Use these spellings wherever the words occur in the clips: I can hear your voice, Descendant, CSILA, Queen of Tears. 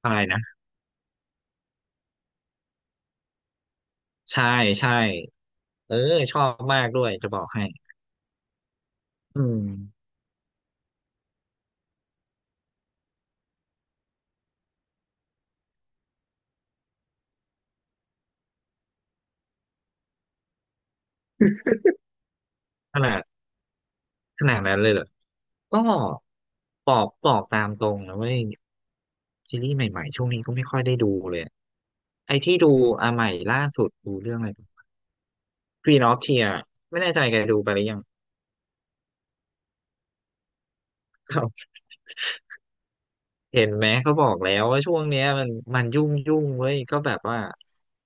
ใช่นะใช่ใช่เออชอบมากด้วยจะบอกให้อืมขนาดขนาดนั้นเลยเหรอก็บอกตามตรงนะเว้ยซีรีส์ใหม่ๆช่วงนี้ก็ไม่ค่อยได้ดูเลยอะไอ้ที่ดูอ่ะใหม่ล่าสุดดูเรื่องอะไร Queen of Tears ไม่แน่ใจแกดูไปหรือยัง เห็นไหมเขาบอกแล้วว่าช่วงเนี้ยมันยุ่งยุ่งเว้ยก็แบบว่า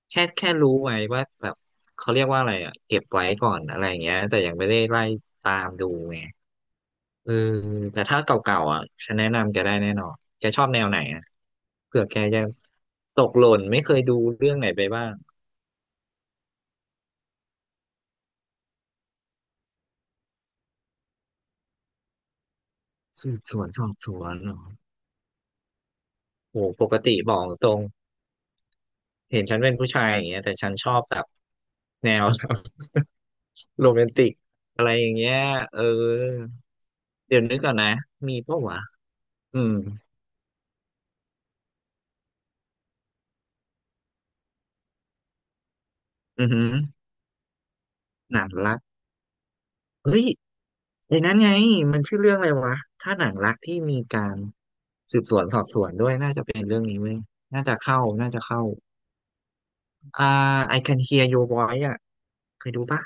แค่รู้ไว้ว่าแบบเขาเรียกว่าอะไรอ่ะเก็บไว้ก่อนอะไรอย่างเงี้ยแต่ยังไม่ได้ไล่ตามดูไง เออแต่ถ้าเก่าๆอ่ะฉันแนะนำแกได้แน่นอนแกชอบแนวไหนอ่ะเผื่อแกจะตกหล่นไม่เคยดูเรื่องไหนไปบ้างสืบสวนสอบสวนเหรอโหปกติบอกตรงเห็นฉันเป็นผู้ชายอย่างเงี้ยแต่ฉันชอบแบบแนว โรแมนติกอะไรอย่างเงี้ยเออเดี๋ยวนึกก่อนนะมีปะวะอืมอือหือหนังรักเฮ้ยไอ้นั้นไงมันชื่อเรื่องอะไรวะถ้าหนังรักที่มีการน่เว้ยน่าจะเข้า อ่า I can hear your voice อ่ะเคยดูปะ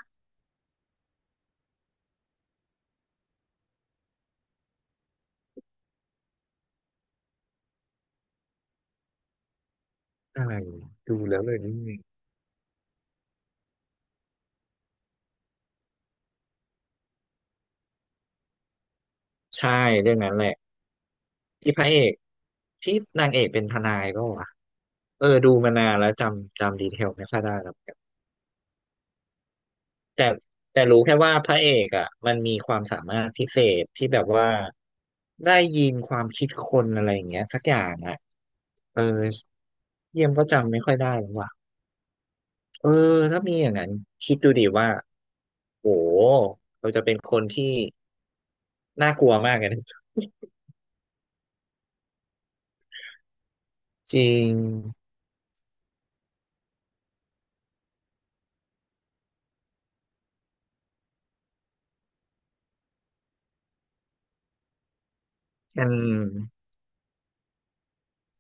อะไรดูแล้วเลยนี่ใช่เรื่องนั้นแหละที่พระเอกที่นางเอกเป็นทนายก็วะดูมานานแล้วจำดีเทลไม่ค่อยได้แล้วกันแต่แต่รู้แค่ว่าพระเอกอ่ะมันมีความสามารถพิเศษที่แบบว่าได้ยินความคิดคนอะไรอย่างเงี้ยสักอย่างอ่ะเออเยี่ยมก็จำไม่ค่อยได้แล้วว่ะเออถ้ามีอย่างนั้นคิดดูดิว่าโหเราจะเป็นคนที่ น่ากลัวมากเลยนะจริงแกน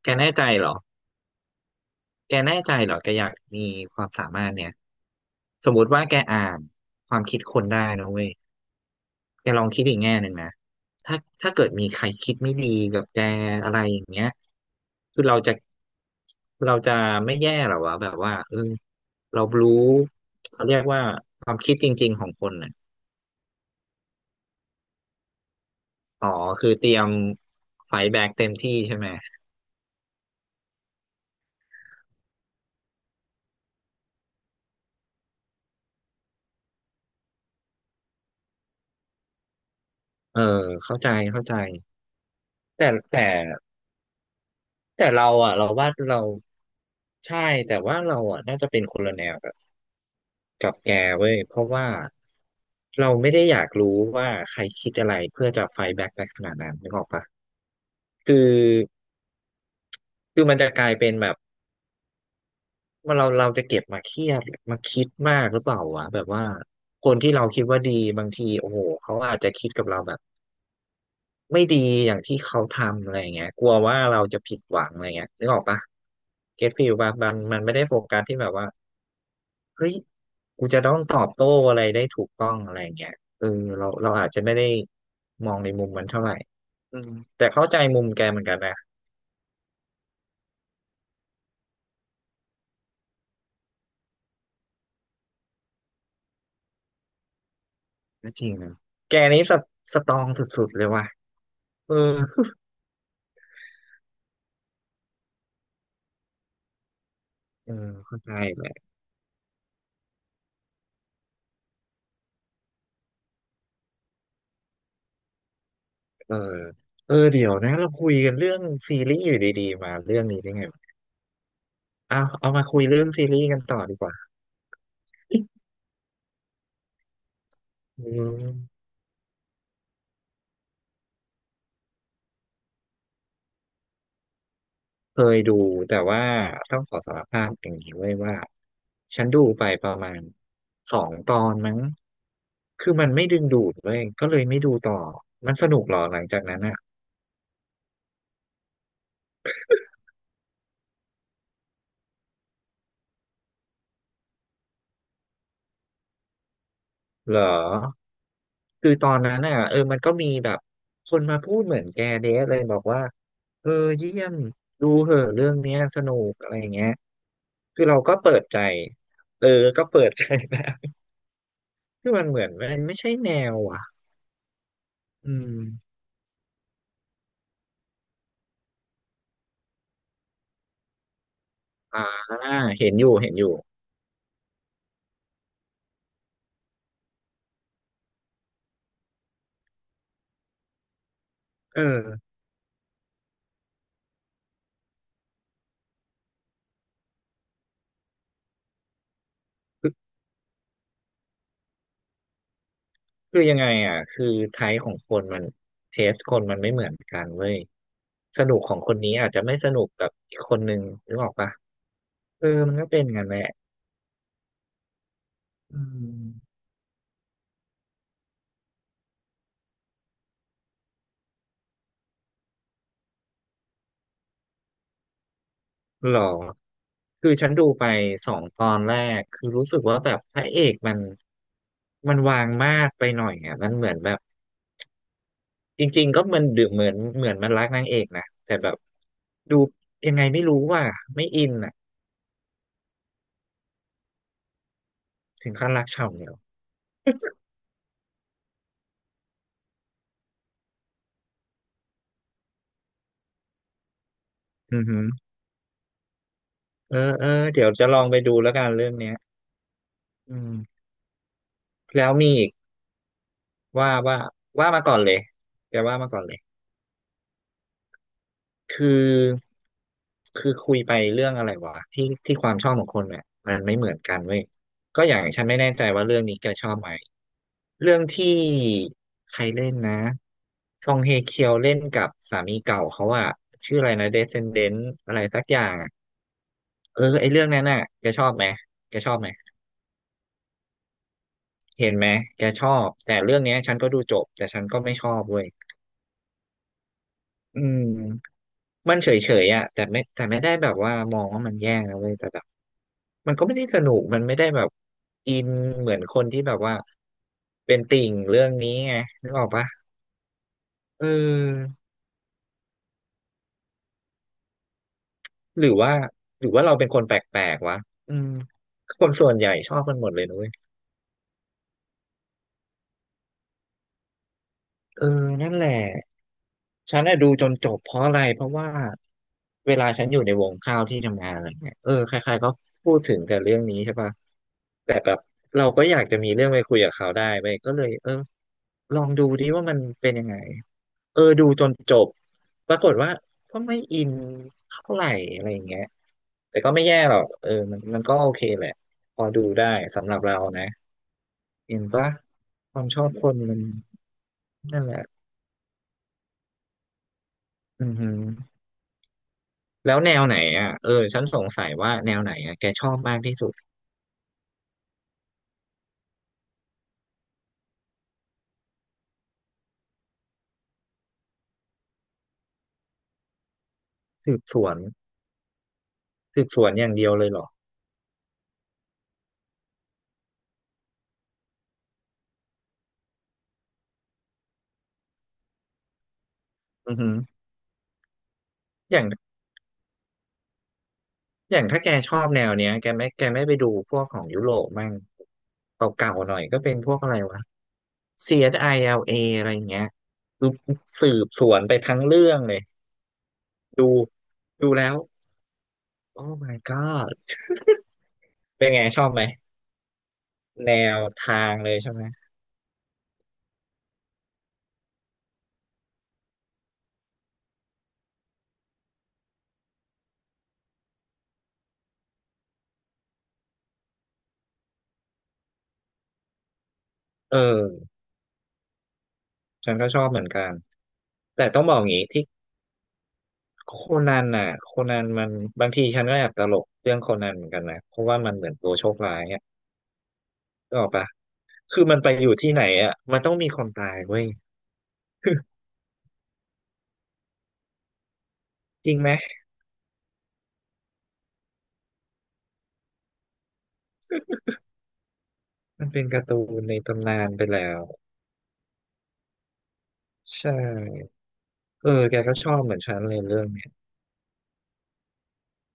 แกแน่ใจเหรอ แกแน่ใจเหรอแกอยากมีความสามารถเนี่ยสมมติว่าแกอ่านความคิดคนได้นะเว้ยแกลองคิดอีกแง่หนึ่งนะถ้าถ้าเกิดมีใครคิดไม่ดีกับแกอะไรอย่างเงี้ยคือเราจะไม่แย่เหรอวะแบบว่า เรารู้เขาเรียกว่าความคิดจริงๆของคนน่ะอ๋อคือเตรียมไฟท์แบ็กเต็มที่ใช่ไหมเออเข้าใจเข้าใจ แต่แต่แต่เราอ่ะเราว่าเราใช่แต่ว่าเราอ่ะน่าจะเป็นคนละแนวกับแกเว้ยเพราะว่าเราไม่ได้อยากรู้ว่าใครคิดอะไรเพื่อจะไฟแบ็กในขนาดนั้นนึกออกปะคือคือมันจะกลายเป็นแบบว่าเราจะเก็บมาเครียดมาคิดมากหรือเปล่าวะแบบว่าคนที่เราคิดว่าดีบางทีโอ้โหเขาอาจจะคิดกับเราแบบไม่ดีอย่างที่เขาทำอะไรเงี้ยกลัวว่าเราจะผิดหวังอะไรเงี้ยนึกออกปะเก็ตฟีลปะมันไม่ได้โฟกัสที่แบบว่า เฮ้ยกูจะต้องตอบโต้อะไรได้ถูกต้องอะไรเงี้ยเออเราอาจจะไม่ได้มองในมุมมันเท่าไหร่อืมแต่เข้าใจมุมแกเหมือนกันนะก็จริงนะแกนี้สตรองสุดๆเลยว่ะเออเออเข้าใจแหละเออเออเดี๋ยวนะเราคุยกันเรื่องซีรีส์อยู่ดีๆมาเรื่องนี้ได้ไงวะเอามาคุยเรื่องซีรีส์กันต่อดีกว่าอืม เคยดูแต่ว่าต้องขอสารภาพอย่างนี้ไว้ยว่าฉันดูไปประมาณสองตอนมั้งคือมันไม่ดึงดูดเว้ยก็เลยไม่ดูต่อมันสนุกเหรอหลังจากนั้นอะเหรอคือตอนนั้นอะมันก็มีแบบคนมาพูดเหมือนแกเดสเลยบอกว่าเออเยี่ยมดูเหอะเรื่องเนี้ยสนุกอะไรอย่างเงี้ยคือเราก็เปิดใจเออก็เปิดใจนะ คือมันเหมือนมันไม่ใช่แนวอ่ะอืมอ่าเห็นอยู่เห็นอยู่เออ คือคือยังไงอ่ะคือไทป์ของคนมันเทสคนมันไม่เหมือนกันเว้ยสนุกของคนนี้อาจจะไม่สนุกกับอีกคนนึงนึกออกปะเออมันก็เป็นงั้นแหละอืมหรอคือฉันดูไปสองตอนแรกคือรู้สึกว่าแบบพระเอกมันวางมาดไปหน่อยอ่ะมันเหมือนแบบจริงๆก็มันดูเหมือนมันรักนางเอกนะแต่แบบดูยังไงไม่รู้ว่าไม่อินอ่ะถึงขั้นรักเฉ่เนยเเออเออเดี๋ยวจะลองไปดูแล้วกันเรื่องเนี้ยอืมแล้วมีอีกว่าว่าว่ามาก่อนเลยแกว่ามาก่อนเลยคือคือคุยไปเรื่องอะไรวะที่ที่ความชอบของคนเนี่ยมันไม่เหมือนกันเว้ยก็อย่างฉันไม่แน่ใจว่าเรื่องนี้แกชอบไหมเรื่องที่ใครเล่นนะซองเฮเคียวเล่นกับสามีเก่าเขาอะชื่ออะไรนะ Descendant อะไรสักอย่างอะเออไอเรื่องนั้นน่ะแกชอบไหมแกชอบไหม เห็นไหมแกชอบแต่เรื่องเนี้ยฉันก็ดูจบแต่ฉันก็ไม่ชอบเว้ยอืมมันเฉยๆอ่ะแต่ไม่ได้แบบว่ามองว่ามันแย่นะเว้ยแต่แบบมันก็ไม่ได้สนุกมันไม่ได้แบบอินเหมือนคนที่แบบว่าเป็นติ่งเรื่องนี้ไงนึกออกปะเออหรือว่าหรือว่าเราเป็นคนแปลกๆวะอืมคนส่วนใหญ่ชอบกันหมดเลยนะเว้ยเออนั่นแหละ ฉันน่ะดูจนจบเพราะอะไรเพราะว่าเวลาฉันอยู่ในวงข้าวที่ทำงานอะไรเงี้ยเออใครๆก็พูดถึงแต่เรื่องนี้ใช่ป่ะแต่แบบเราก็อยากจะมีเรื่องไปคุยกับเขาได้ไปก็เลยเออลองดูดิว่ามันเป็นยังไงเออดูจนจบปรากฏว่าก็ไม่อินเท่าไหร่อะไรอย่างเงี้ยแต่ก็ไม่แย่หรอกเออมันมันก็โอเคแหละพอดูได้สำหรับเรานะเห็นปะความชอบคนมันนั่นแหละอือหือ แล้วแนวไหนอ่ะเออฉันสงสัยว่าแนวไหนอ่ะแกชอบมากที่สุดสืบสวนสืบสวนอย่างเดียวเลยเหรออือหืออย่างอย่างถ้าแกชอบแนวเนี้ยแกไม่ไปดูพวกของยุโรปมั่งเก่าๆหน่อยก็เป็นพวกอะไรวะ CSILA อสไอแอลเออะไรอย่างเงี้ยคือสืบสวนไปทั้งเรื่องเลยดูดูแล้วโอ้ my god เป็นไงชอบไหมแนวทางเลยใช่ไหมเออฉันก็ชอบเหมือนกันแต่ต้องบอกอย่างนี้ที่ โคนันน่ะโคนันมันบางทีฉันก็แอบตลกเรื่องโคนันเหมือนกันนะเพราะว่ามันเหมือนตัวโชคร้ายอ่ะก็ออกปะคือมันไปอยู่ที่ไหนอ่ะมันต้องมีคนตายเว้ย จริงไหมมันเป็นการ์ตูนในตำนานไปแล้วใช่เออแกก็ชอบเหมือนฉันเลยเรื่องเนี้ย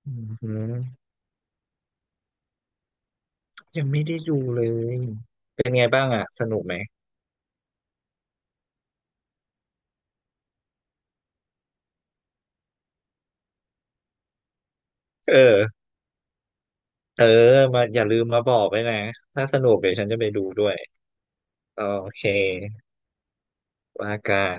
อือหือยังไม่ได้ดูเลยเป็นไงบ้างอ่ะสนุกไหมเออเออมาอย่าลืมมาบอกไว้นะถ้าสนุกเดี๋ยวฉันจะไปดูด้วยโอเคว่ากัน